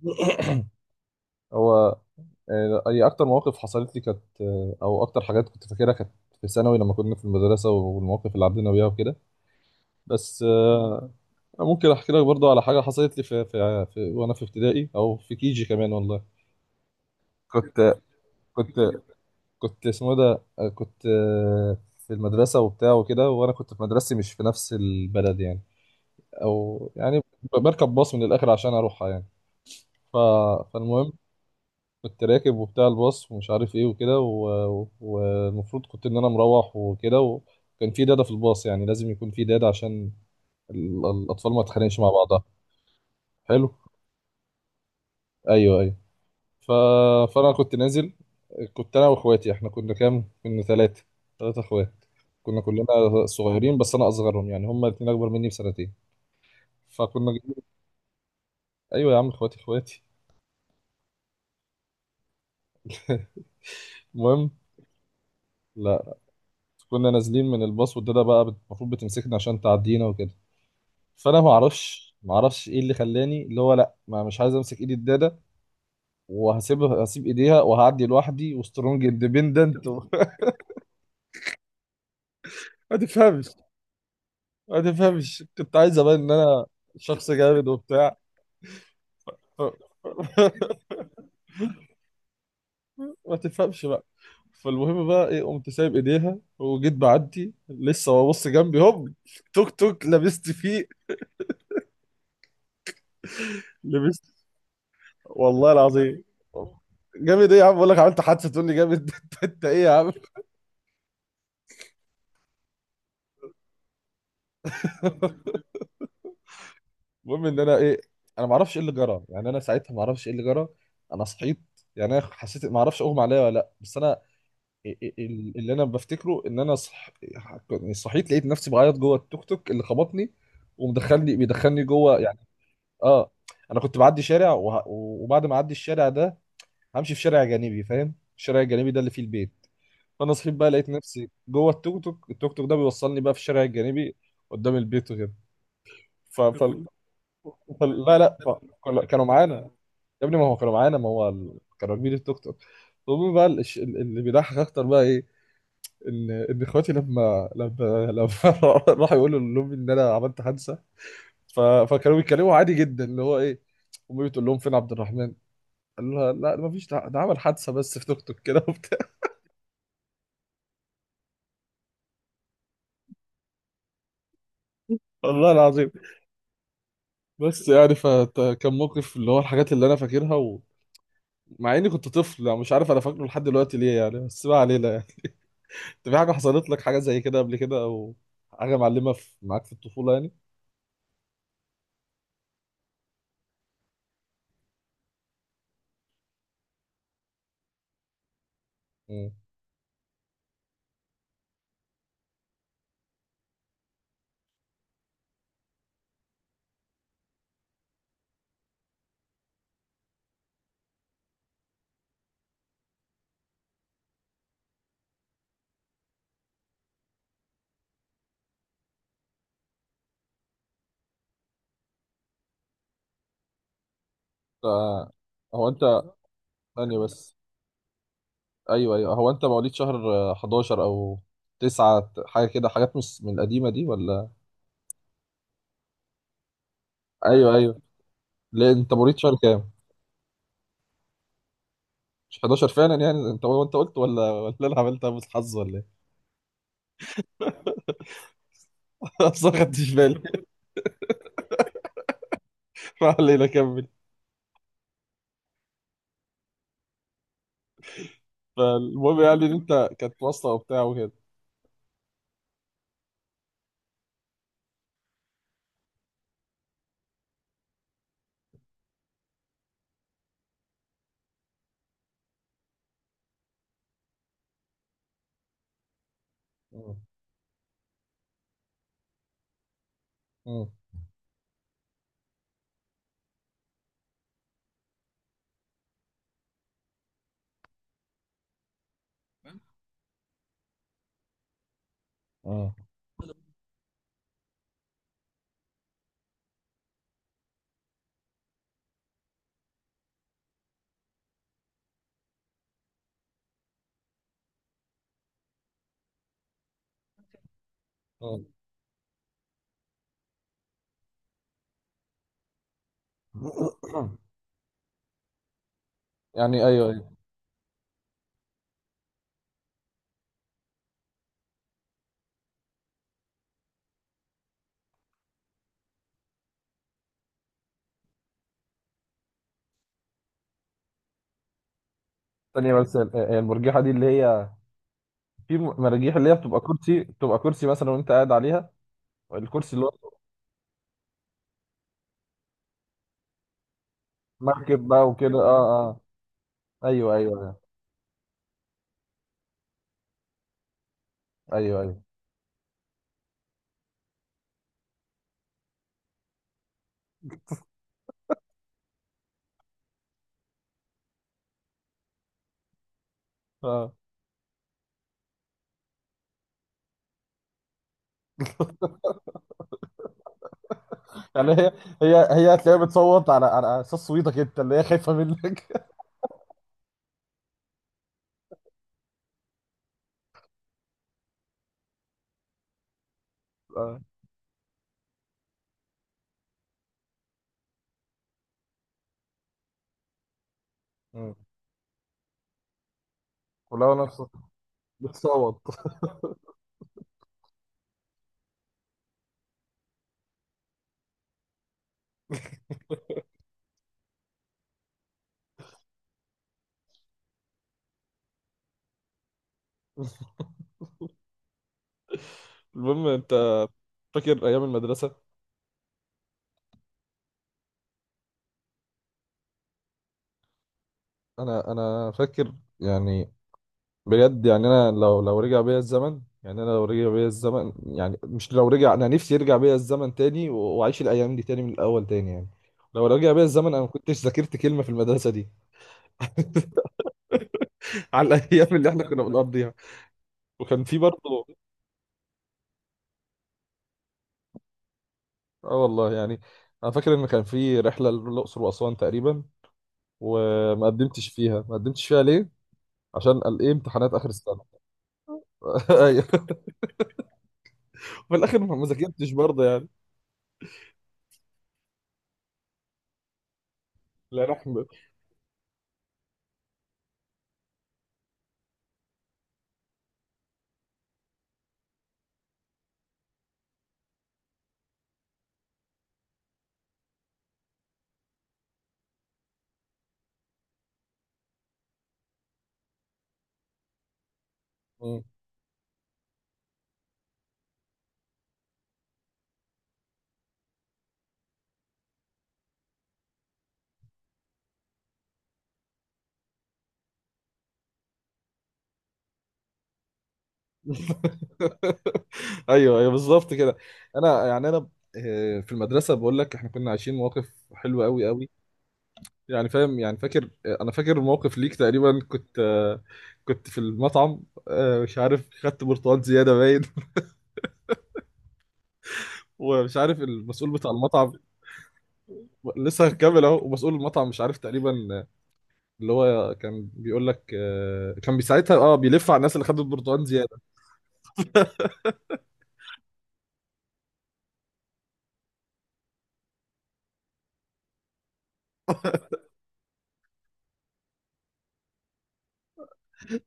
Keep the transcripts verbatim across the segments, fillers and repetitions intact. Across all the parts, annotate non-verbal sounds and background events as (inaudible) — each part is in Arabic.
(coughs) هو آه، هي اكتر مواقف حصلت لي كانت آه، او اكتر حاجات كنت فاكرها كانت في ثانوي لما كنا في المدرسه والمواقف اللي عدينا بيها وكده بس آه، ممكن احكي لك برضه على حاجه حصلت لي في, في, في وانا في ابتدائي او في كيجي كمان والله. كنت كنت كنت اسمه إيه ده، آه، كنت آه، في المدرسه وبتاع وكده، وانا كنت في مدرستي مش في نفس البلد يعني، او يعني بركب باص من الاخر عشان اروحها يعني. ف... فالمهم كنت راكب وبتاع الباص ومش عارف ايه وكده، و- والمفروض كنت ان انا مروح وكده، وكان في داده في الباص، يعني لازم يكون في داده عشان ال- الاطفال ما تتخانقش مع بعضها. حلو. ايوه ايوه. ف... فانا كنت نازل، كنت انا واخواتي. احنا كنا كام؟ كنا ثلاثه، ثلاثه اخوات. كنا كلنا صغيرين، بس انا اصغرهم يعني، هما الاثنين اكبر مني بسنتين. فكنا جايين- ايوه يا عم، اخواتي اخواتي. (laughs) المهم، لا كنا نازلين من الباص، والداده بقى بت- المفروض بتمسكنا عشان تعدينا وكده. فانا ما اعرفش ما اعرفش ايه اللي خلاني اللي هو لا، ما مش عايز امسك ايد الداده، وهسيبها، هسيب ايديها وهعدي لوحدي وسترونج اندبندنت و... (laughs) ما تفهمش، ما تفهمش، كنت عايز ابان ان انا شخص جامد وبتاع. ف... (laughs) ما تفهمش بقى. فالمهم بقى ايه، قمت سايب ايديها وجيت بعدي، لسه ببص جنبي، هوب، توك توك لبست فيه، لبست. والله العظيم. جامد ايه يا عم؟ بقول لك عملت حادثه تقول لي جامد؟ (laughs) انت إنت ايه يا عم. (laughs) المهم ان انا ايه، انا ما اعرفش ايه اللي جرى، يعني انا ساعتها ما اعرفش ايه اللي جرى. انا صحيت، يعني انا حسيت، ما اعرفش اغمى عليا ولا لا، بس انا ال- ال- اللي انا بفتكره ان انا صح... يعني صحيت لقيت نفسي بعيط جوه التوك توك اللي خبطني ومدخلني، بيدخلني جوه يعني. اه، انا كنت بعدي شارع وه... وبعد ما اعدي الشارع ده همشي في شارع جانبي، فاهم؟ الشارع الجانبي ده اللي فيه البيت. فانا صحيت بقى لقيت نفسي جوه التوك توك، التوك توك ده بيوصلني بقى في الشارع الجانبي قدام البيت وكده. ف... ف... فال- لا لا، ف- كل- كانوا معانا. يا ابني ما هو كانوا معانا، ما هو ال- كانوا راكبين التوك توك. المهم بقى الش- اللي بيضحك اكتر بقى ايه، ان ان اخواتي لما لما لما (laughs) راحوا يقولوا لامي ان انا عملت حادثه، ف- فكانوا بيتكلموا عادي جدا اللي هو ايه. امي بتقول لهم فين عبد الرحمن، قال لها لا ما فيش، ده ده عمل حادثه بس في توك توك كده وبتاع. (laughs) والله العظيم. بس يعني فكان موقف اللي هو، الحاجات اللي انا فاكرها ومع اني كنت طفل يعني، مش عارف انا فاكره لحد دلوقتي ليه يعني، بس ما علينا يعني. في حاجة حصلت لك حاجة زي كده قبل كده، أو حاجة معلمة في معاك في الطفولة يعني؟ مم. آه، هو أنت، ثانية بس، أيوه أيوه، هو أنت مواليد شهر آه، حداشر أو تسعة، ت- حاجة كده، حاجات مش من القديمة دي ولا؟ أيوه أيوه. ليه أنت مواليد شهر كام؟ مش حداشر فعلا؟ يعني أنت هو أنت قلت، ولا ولا أنا عملتها بس حظ، ولا إيه؟ (laughs) أصلا ما خدتش بالي. (laughs) ما علينا، كمل. فالمهم يعني إن أنت كانت واسطة وبتاع وكده. مم. مم. مم. مم. (coughs) يعني أيوه أيوه. ثانية بس، ال- ال- المرجحة دي اللي هي، في م- مراجيح اللي هي بتبقى كرسي، بتبقى كرسي مثلا وانت قاعد عليها، الكرسي اللي هو، مركب بقى وكده، اه اه. آه، ايوه ايوه ايوه ايوه. اه، يعني هي هي هي هتلاقيها بتصوت على على اساس صوتك انت، اللي هي خايفة منك. (laughs) اه. مم. ولو نفسه بتصوت. (laughs) المهم، انت فاكر ايام المدرسة؟ انا انا فاكر يعني، بجد يعني انا لو لو رجع بيا الزمن، يعني انا لو رجع بيا الزمن، يعني مش لو رجع، انا نفسي يرجع بيا الزمن تاني و- واعيش الايام دي تاني من الاول تاني يعني. لو رجع بيا الزمن انا ما كنتش ذاكرت كلمه في المدرسه دي. (laughs) على الايام اللي احنا كنا بنقضيها. وكان في برضه، اه والله يعني. انا فاكر ان كان في رحله للاقصر واسوان تقريبا، وما قدمتش فيها. ما قدمتش فيها ليه؟ عشان قال ايه امتحانات اخر السنه. (laughs) ايوه. في الاخر ما ما ذاكرتش برضه يعني. لا رحمه. (laughs) ايوه ايوه بالظبط كده. انا يعني انا آه، في المدرسه بقول لك احنا كنا عايشين مواقف حلوه قوي قوي. يعني فاهم؟ يعني فاكر، آه، انا فاكر موقف ليك تقريبا كنت آه، كنت في المطعم، آه، مش عارف خدت برتقال زياده باين. (laughs) ومش عارف المسؤول بتاع المطعم، لسه هكمل اهو. ومسؤول المطعم مش عارف تقريبا، آه، اللي هو كان بيقول لك آه، كان بيساعدها، اه بيلف على الناس اللي خدت برتقال زياده. (laughs)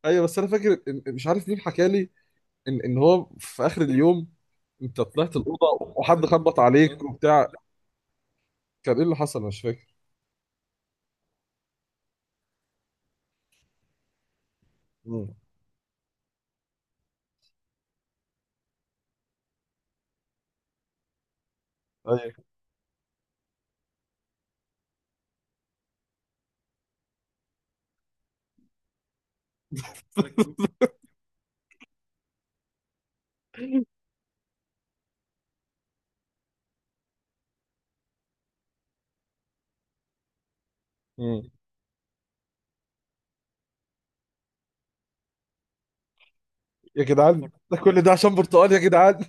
ايوه، بس انا فاكر إن- مش عارف مين حكى لي ان ان هو في اخر اليوم انت طلعت الاوضه وحد خبط عليك وبتاع. كان ايه اللي حصل؟ أنا مش فاكر. مم. ايوه. (laughs) مم. يا جدعان ده كل ده عشان برتقال يا جدعان.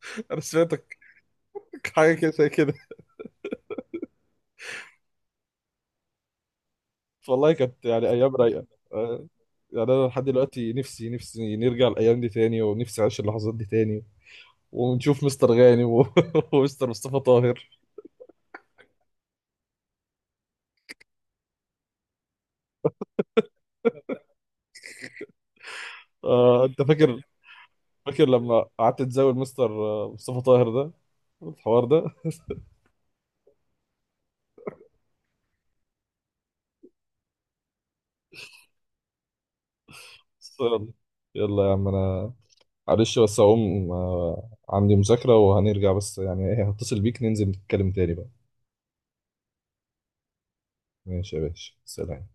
(laughs) انا سمعتك حاجه كده زي كده. (laughs) والله كانت يعني ايام رايقه. آه، يعني انا لحد دلوقتي نفسي، نفسي نرجع الايام دي تاني، ونفسي اعيش اللحظات دي تاني، ونشوف مستر غانم و- (laughs) ومستر مصطفى طاهر. آه، انت فاكر، فاكر لما قعدت تزاول مستر آه، مصطفى طاهر ده، الحوار ده؟ بس يلا، يلا يا عم، انا معلش بس هقوم، آه، عندي مذاكرة وهنرجع، بس يعني ايه، هتصل بيك ننزل نتكلم تاني بقى. ماشي يا باشا، سلام.